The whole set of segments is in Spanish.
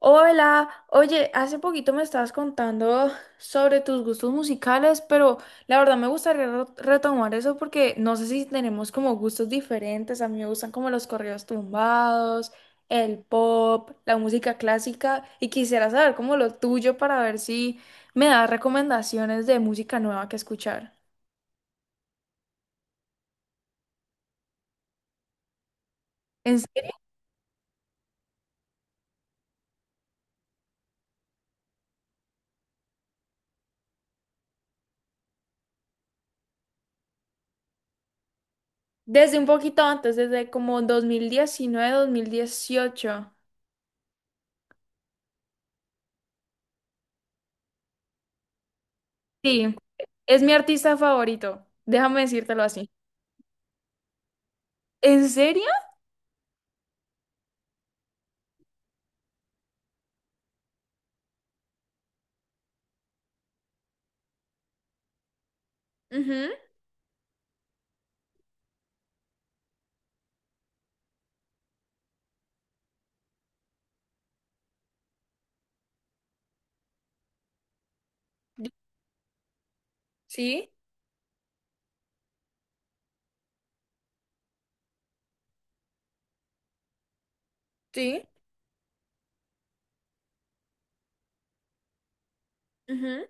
Hola, oye, hace poquito me estabas contando sobre tus gustos musicales, pero la verdad me gustaría retomar eso porque no sé si tenemos como gustos diferentes. A mí me gustan como los corridos tumbados, el pop, la música clásica y quisiera saber como lo tuyo para ver si me das recomendaciones de música nueva que escuchar. ¿En serio? Desde un poquito antes, desde como dos mil diecinueve, 2018. Sí, es mi artista favorito, déjame decírtelo así. ¿En serio? Ujú. Sí, sí. Ujú.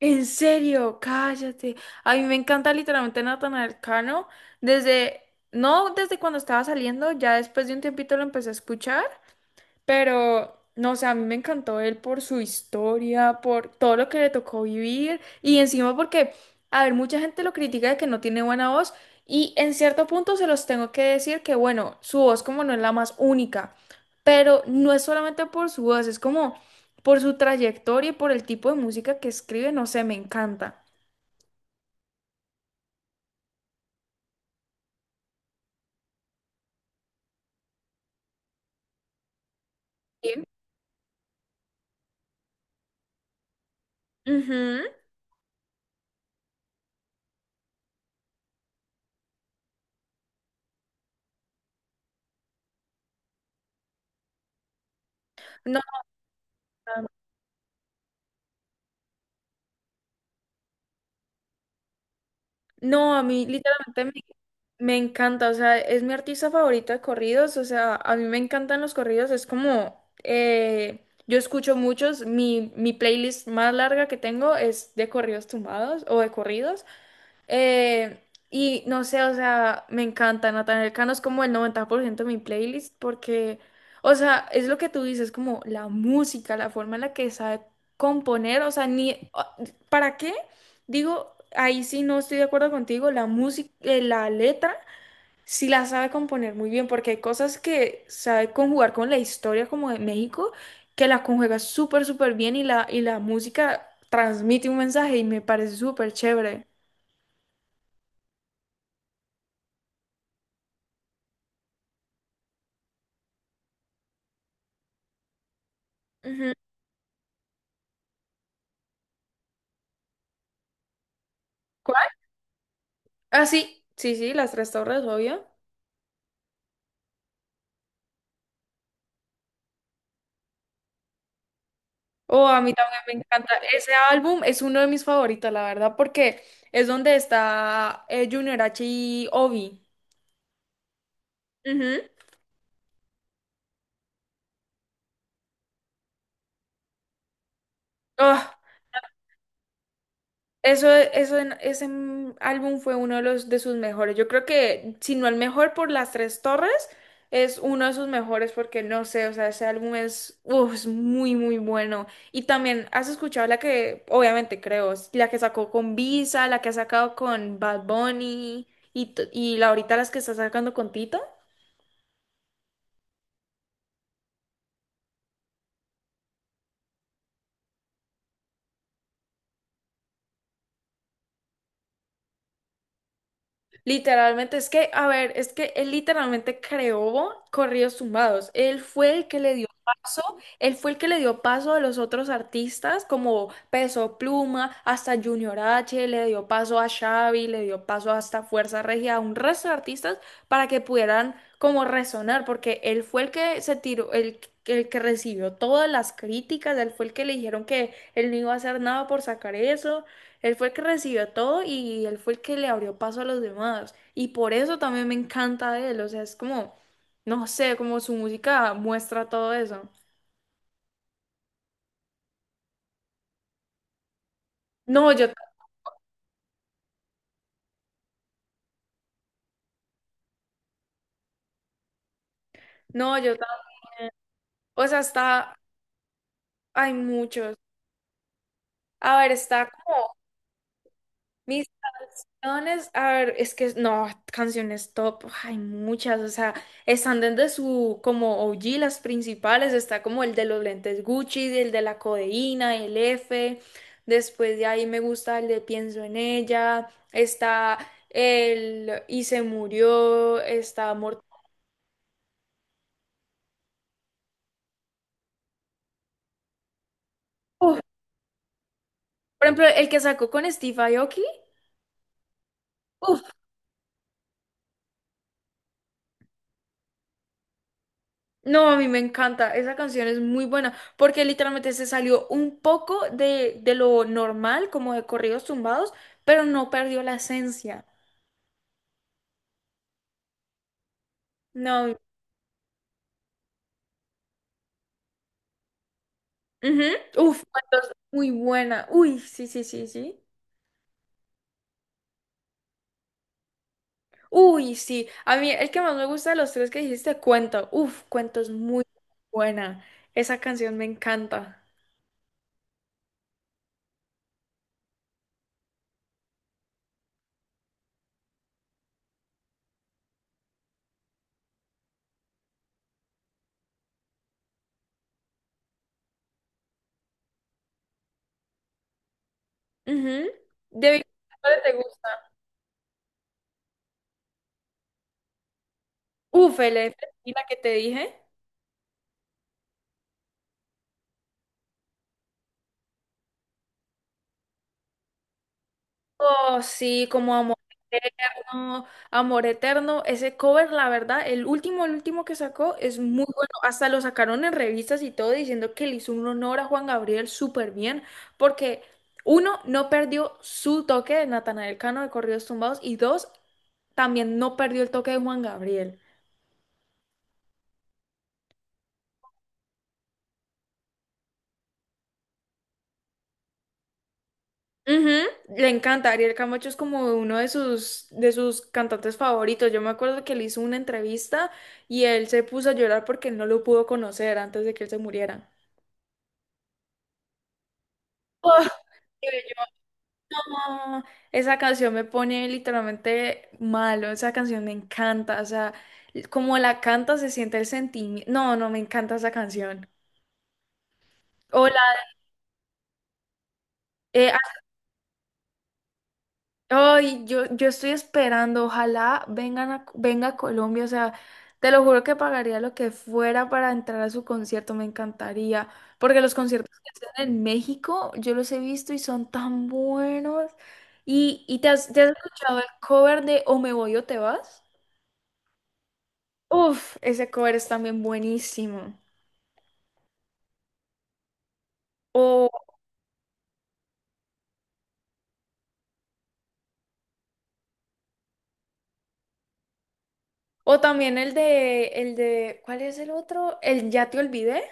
En serio, cállate. A mí me encanta literalmente Natanael Cano. Desde, no desde cuando estaba saliendo, ya después de un tiempito lo empecé a escuchar. Pero, no sé, a mí me encantó él por su historia, por todo lo que le tocó vivir y encima porque, a ver, mucha gente lo critica de que no tiene buena voz y en cierto punto se los tengo que decir que, bueno, su voz como no es la más única, pero no es solamente por su voz, es como por su trayectoria y por el tipo de música que escribe, no sé, me encanta. Sí. Ujú. No, no, a mí literalmente me... Me encanta, o sea, es mi artista favorito de corridos, o sea, a mí me encantan los corridos, es como, yo escucho muchos, mi playlist más larga que tengo es de corridos tumbados o de corridos, eh, y no sé, o sea, me encanta, Natanael Cano es como el 90% de mi playlist porque, o sea, es lo que tú dices, como la música, la forma en la que sabe componer, o sea, ni, ¿para qué? Digo, ahí sí no estoy de acuerdo contigo, la música, la letra. Sí la sabe componer muy bien, porque hay cosas que sabe conjugar con la historia como de México, que la conjuga súper, súper bien y la música transmite un mensaje y me parece súper chévere. Ujú. ¿Cuál? Ah, sí, sí, sí, Las Tres Torres, obvio. Oh, a mí también me encanta. Ese álbum es uno de mis favoritos, la verdad, porque es donde está Junior H y Obi. Ujú. Oh, eso, ese álbum fue uno de los de sus mejores. Yo creo que, si no el mejor por Las Tres Torres, es uno de sus mejores porque no sé, o sea, ese álbum es, uf, es muy, muy bueno. Y también, ¿has escuchado la que, obviamente creo, es la que sacó con Visa, la que ha sacado con Bad Bunny y, y la ahorita las que está sacando con Tito? Literalmente, es que, a ver, es que él literalmente creó corridos tumbados. Él fue el que le dio paso, él fue el que le dio paso a los otros artistas como Peso Pluma, hasta Junior H, le dio paso a Xavi, le dio paso hasta Fuerza Regia, a un resto de artistas para que pudieran como resonar, porque él fue el que se tiró, el, el que recibió todas las críticas, él fue el que le dijeron que él no iba a hacer nada por sacar eso. Él fue el que recibió todo y él fue el que le abrió paso a los demás. Y por eso también me encanta de él. O sea, es como, no sé, como su música muestra todo eso. No, yo, no, yo, o sea, está, hay muchos. A ver, está como... Mis canciones, a ver, es que no, canciones top, hay muchas, o sea, están desde su como OG, las principales, está como el de los lentes Gucci, el de la codeína, el F, después de ahí me gusta el de Pienso en ella, está el Y se murió, está Mortal, por ejemplo, el que sacó con Steve Aoki, uf. No, a mí me encanta. Esa canción es muy buena porque literalmente se salió un poco de lo normal, como de corridos tumbados, pero no perdió la esencia. No. Ujú. Uf, entonces, muy buena. Uy, sí, sí, sí, sí. Uy, sí. A mí el que más me gusta de los tres que dijiste, Cuento. Uf, Cuento es muy buena. Esa canción me encanta. Ujú. De Victoria, ¿cuál te gusta? Uf, el F y la que te dije. Oh, sí, como Amor Eterno, Amor Eterno, ese cover, la verdad, el último que sacó es muy bueno, hasta lo sacaron en revistas y todo diciendo que le hizo un honor a Juan Gabriel súper bien, porque uno, no perdió su toque de Natanael Cano de Corridos Tumbados y dos, también no perdió el toque de Juan Gabriel. Ujú. Le encanta, Ariel Camacho es como uno de sus cantantes favoritos. Yo me acuerdo que le hizo una entrevista y él se puso a llorar porque él no lo pudo conocer antes de que él se muriera. Oh, y yo, "Ah, esa canción me pone literalmente malo, esa canción me encanta, o sea, como la canta se siente el sentimiento. No, no, me encanta esa canción. Hola, ay, yo estoy esperando, ojalá vengan a, venga a Colombia, o sea, te lo juro que pagaría lo que fuera para entrar a su concierto, me encantaría, porque los conciertos que hacen en México, yo los he visto y son tan buenos. Y te has escuchado el cover de O me voy o te vas? Uf, ese cover es también buenísimo. O, o también el de, ¿cuál es el otro? El Ya te olvidé.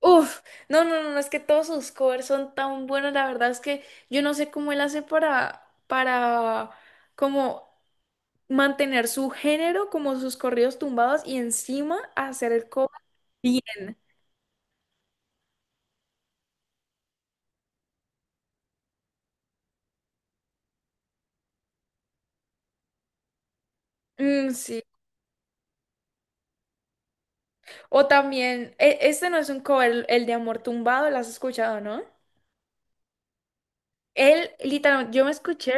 Uf, no, no, no, no, es que todos sus covers son tan buenos, la verdad es que yo no sé cómo él hace para, como mantener su género, como sus corridos tumbados y encima hacer el cover bien. Mm, sí. O también, este no es un cover, el de Amor Tumbado, ¿lo has escuchado, no? Él, literalmente, yo me escuché...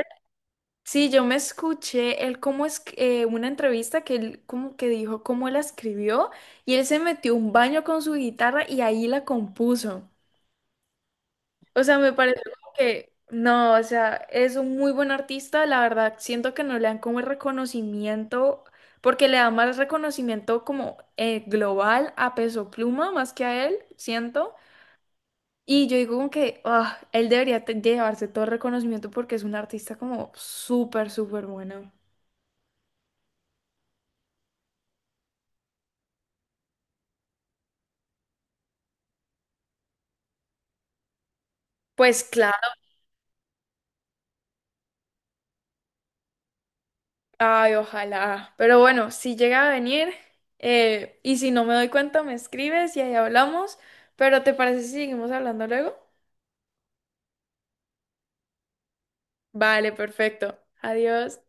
Sí, yo me escuché él cómo es una entrevista que él como que dijo cómo la escribió y él se metió a un baño con su guitarra y ahí la compuso. O sea, me pareció como que no, o sea, es un muy buen artista, la verdad, siento que no le dan como el reconocimiento porque le da más reconocimiento como global a Peso Pluma más que a él, siento. Y yo digo como que ah, él debería llevarse todo el reconocimiento porque es un artista como súper, súper bueno. Pues claro. Ay, ojalá. Pero bueno, si llega a venir y si no me doy cuenta, me escribes y ahí hablamos. Pero ¿te parece si seguimos hablando luego? Vale, perfecto. Adiós.